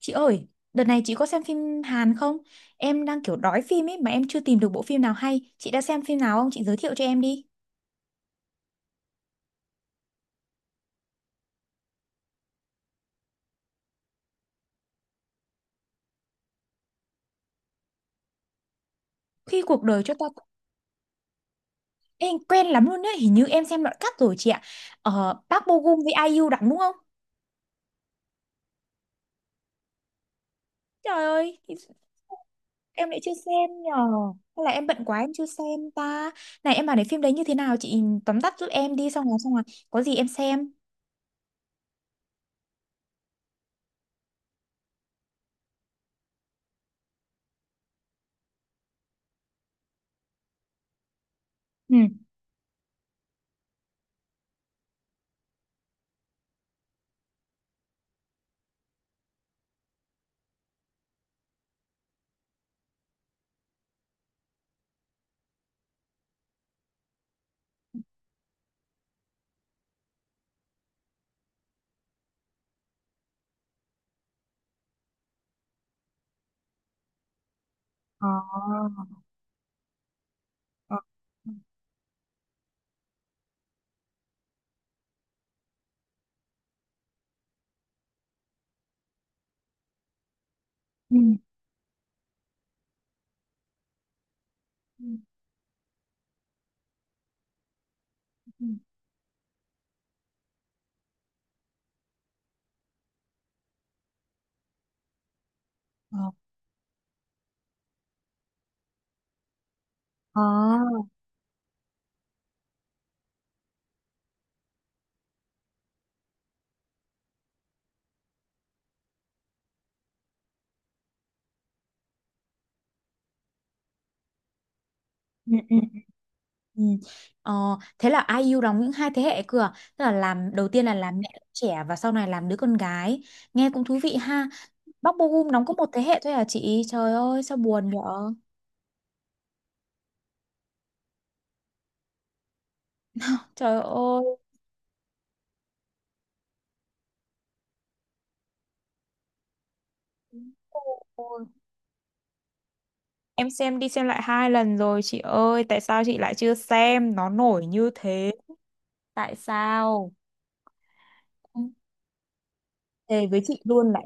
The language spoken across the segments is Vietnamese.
Chị ơi, đợt này chị có xem phim Hàn không? Em đang kiểu đói phim ấy mà em chưa tìm được bộ phim nào hay. Chị đã xem phim nào không? Chị giới thiệu cho em đi. Khi cuộc đời cho ta... Ê, quen lắm luôn đấy, hình như em xem đoạn cắt rồi chị ạ. Ờ, Park Bo Gum với IU đóng đúng không? Trời ơi, thì em lại chưa xem nhờ. Hay là em bận quá em chưa xem ta. Này em bảo này, phim đấy như thế nào chị tóm tắt giúp em đi, xong rồi có gì em xem. Ừ. Ờ. Ờ. Ừ. Ừ. Ừ. Ờ. Ờ. Ừ. Ừ. Ừ. Ờ, thế là ai IU đóng những hai thế hệ cơ à? Tức là làm đầu tiên là làm mẹ đứa trẻ, và sau này làm đứa con gái. Nghe cũng thú vị ha. Bắc Bo đóng có một thế hệ thôi à chị? Trời ơi sao buồn vậy? Trời ơi. Ôi, em xem đi xem lại hai lần rồi chị ơi, tại sao chị lại chưa xem? Nó nổi như thế. Tại sao? Thề với chị luôn, lại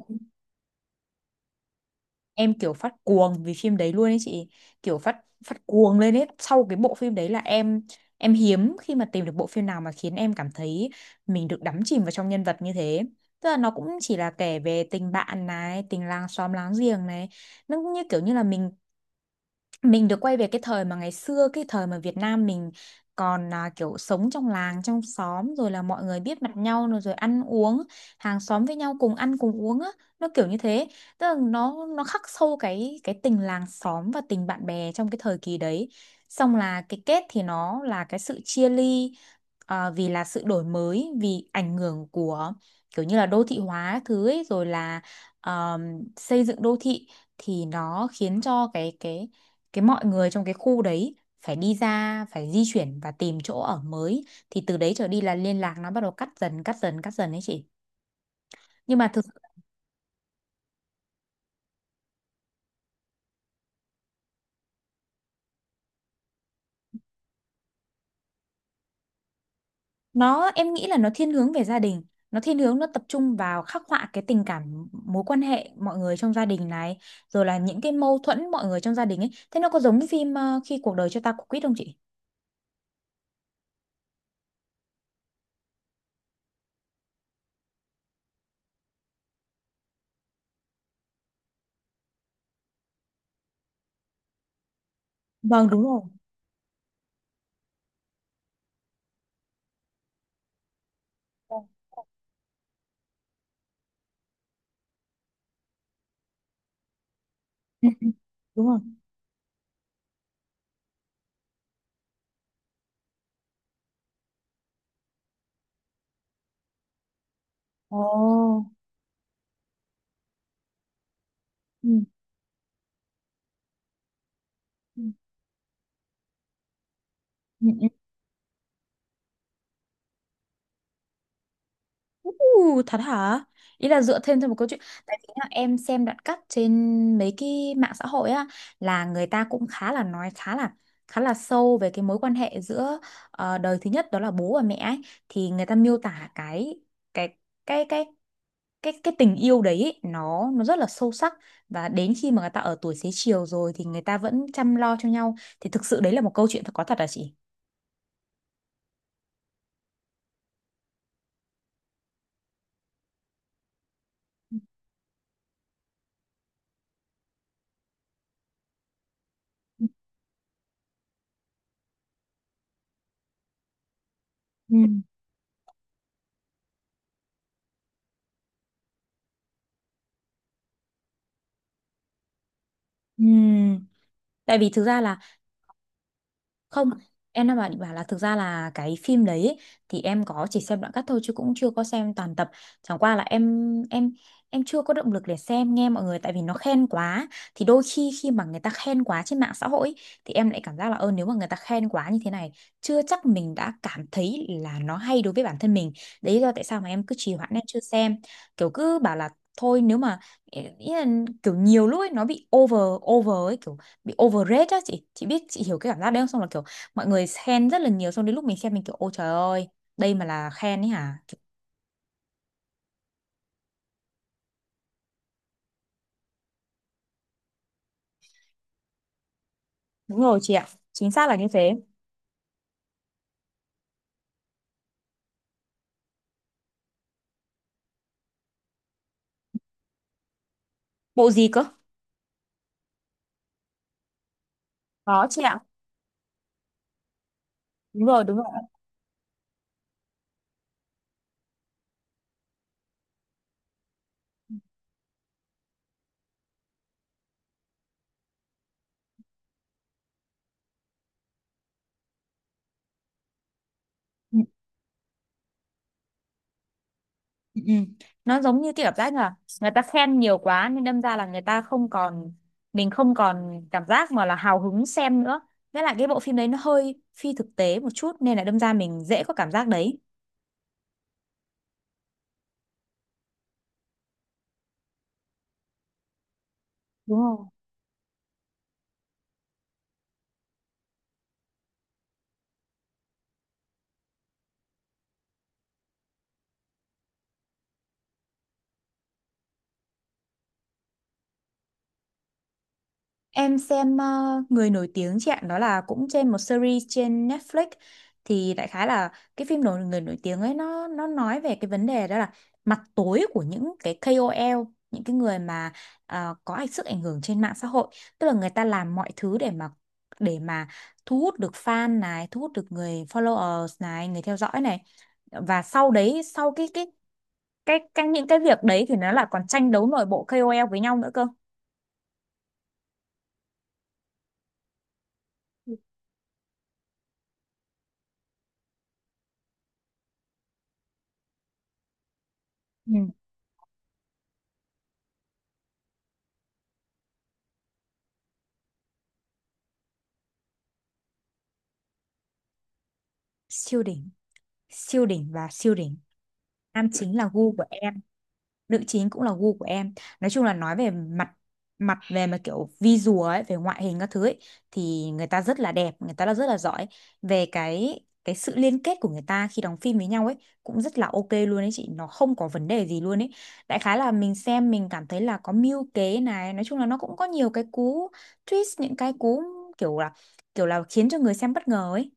em kiểu phát cuồng vì phim đấy luôn ấy chị, kiểu phát, phát cuồng lên ấy. Sau cái bộ phim đấy là em hiếm khi mà tìm được bộ phim nào mà khiến em cảm thấy mình được đắm chìm vào trong nhân vật như thế. Tức là nó cũng chỉ là kể về tình bạn này, tình làng xóm láng giềng này, nó cũng như kiểu như là mình được quay về cái thời mà ngày xưa, cái thời mà Việt Nam mình còn à, kiểu sống trong làng trong xóm, rồi là mọi người biết mặt nhau, rồi rồi ăn uống hàng xóm với nhau, cùng ăn cùng uống á, nó kiểu như thế. Tức là nó khắc sâu cái tình làng xóm và tình bạn bè trong cái thời kỳ đấy. Xong là cái kết thì nó là cái sự chia ly, à, vì là sự đổi mới, vì ảnh hưởng của kiểu như là đô thị hóa thứ ấy, rồi là ờm, xây dựng đô thị, thì nó khiến cho cái mọi người trong cái khu đấy phải đi ra, phải di chuyển và tìm chỗ ở mới, thì từ đấy trở đi là liên lạc nó bắt đầu cắt dần cắt dần cắt dần đấy chị. Nhưng mà thực, nó em nghĩ là nó thiên hướng về gia đình, nó thiên hướng nó tập trung vào khắc họa cái tình cảm mối quan hệ mọi người trong gia đình này, rồi là những cái mâu thuẫn mọi người trong gia đình ấy. Thế nó có giống phim khi cuộc đời cho ta quả quýt không chị? Vâng đúng rồi. Vâng. Ừ, ừ, đúng rồi. Ồ. Ừ. Ừ. Ừ. Ừ, thật hả? Ý là dựa thêm cho một câu chuyện. Tại vì nhá, em xem đoạn cắt trên mấy cái mạng xã hội á, là người ta cũng khá là nói khá là, khá là sâu về cái mối quan hệ giữa đời thứ nhất, đó là bố và mẹ ấy, thì người ta miêu tả cái cái cái tình yêu đấy ấy, nó rất là sâu sắc, và đến khi mà người ta ở tuổi xế chiều rồi thì người ta vẫn chăm lo cho nhau. Thì thực sự đấy là một câu chuyện thật, có thật hả chị? Ừ. Ừ. Tại vì thực ra là, không, em đang bảo, định bảo là thực ra là cái phim đấy ấy, thì em có chỉ xem đoạn cắt thôi chứ cũng chưa có xem toàn tập. Chẳng qua là em em chưa có động lực để xem, nghe mọi người tại vì nó khen quá. Thì đôi khi khi mà người ta khen quá trên mạng xã hội ấy, thì em lại cảm giác là ơ nếu mà người ta khen quá như thế này, chưa chắc mình đã cảm thấy là nó hay đối với bản thân mình. Đấy là tại sao mà em cứ trì hoãn em chưa xem. Kiểu cứ bảo là thôi, nếu mà, ý là kiểu nhiều lúc ấy nó bị over, over ấy, kiểu bị overrate á chị biết chị hiểu cái cảm giác đấy không, xong là kiểu mọi người khen rất là nhiều, xong đến lúc mình xem mình kiểu ôi trời ơi, đây mà là khen ấy hả? Đúng rồi chị ạ, chính xác là như thế. Bộ gì cơ? Có chị ạ, đúng rồi, đúng rồi. Ừ, ừ, ừ. Nó giống như cái cảm giác là người ta khen nhiều quá nên đâm ra là người ta không còn, mình không còn cảm giác mà là hào hứng xem nữa. Với lại cái bộ phim đấy nó hơi phi thực tế một chút nên là đâm ra mình dễ có cảm giác đấy. Đúng rồi. Em xem người nổi tiếng chị ạ, đó là cũng trên một series trên Netflix. Thì đại khái là cái phim nổi, người nổi tiếng ấy, nó nói về cái vấn đề đó là mặt tối của những cái ca o KOL, những cái người mà có ảnh, sức ảnh hưởng trên mạng xã hội, tức là người ta làm mọi thứ để mà, để mà thu hút được fan này, thu hút được người followers này, người theo dõi này. Và sau đấy sau cái những cái việc đấy thì nó là còn tranh đấu nội bộ ca o KOL với nhau nữa cơ. Ừ. Siêu đỉnh. Siêu đỉnh và siêu đỉnh. Nam chính là gu của em, nữ chính cũng là gu của em. Nói chung là nói về mặt, mặt về mà kiểu visual ấy, về ngoại hình các thứ ấy thì người ta rất là đẹp, người ta là rất là giỏi. Về cái sự liên kết của người ta khi đóng phim với nhau ấy cũng rất là ok luôn ấy chị, nó không có vấn đề gì luôn ấy. Đại khái là mình xem mình cảm thấy là có mưu kế này, nói chung là nó cũng có nhiều cái cú twist, những cái cú kiểu là, kiểu là khiến cho người xem bất ngờ ấy.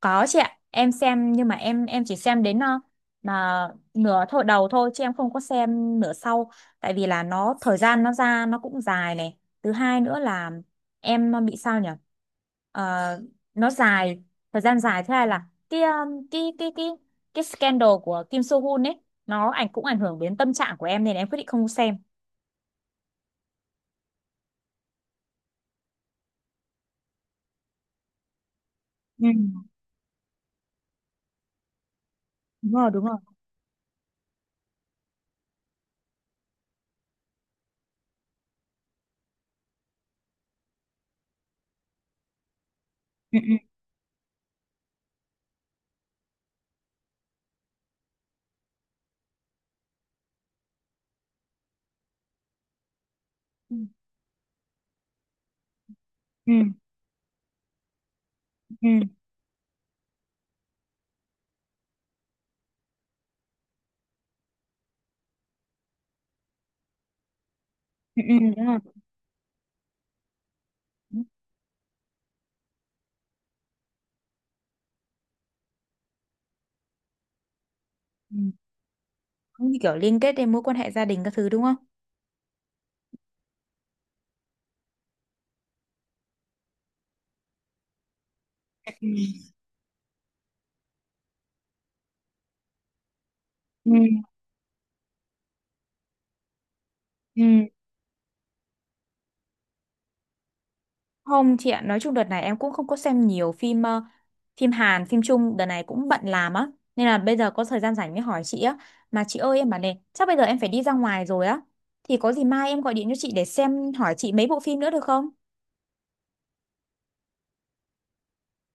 Có chị ạ, em xem nhưng mà em chỉ xem đến là nửa thôi, đầu thôi chứ em không có xem nửa sau, tại vì là nó thời gian nó ra nó cũng dài này. Thứ hai nữa là em bị sao nhỉ? Ờ, nó dài, thời gian dài thế này là cái cái cái scandal của Kim So Hoon ấy, nó ảnh, cũng ảnh hưởng đến tâm trạng của em nên em quyết định không xem. Ừ, đúng rồi, đúng rồi. Ừ, ừ. Ừ. Ừ, ừ, ừ, ừ, đúng rồi. Ừ. Cũng như kiểu liên kết đến mối quan hệ gia đình các thứ đúng không? Ừ, ừ. Không chị ạ, nói chung đợt này em cũng không có xem nhiều phim phim Hàn, phim Trung, đợt này cũng bận làm á. Nên là bây giờ có thời gian rảnh mới hỏi chị á. Mà chị ơi em bảo này, chắc bây giờ em phải đi ra ngoài rồi á. Thì có gì mai em gọi điện cho chị để xem, hỏi chị mấy bộ phim nữa được không?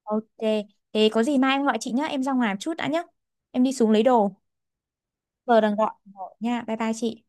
Ok, thế có gì mai em gọi chị nhá, em ra ngoài một chút đã nhá. Em đi xuống lấy đồ. Giờ đang gọi gọi nha, bye bye chị.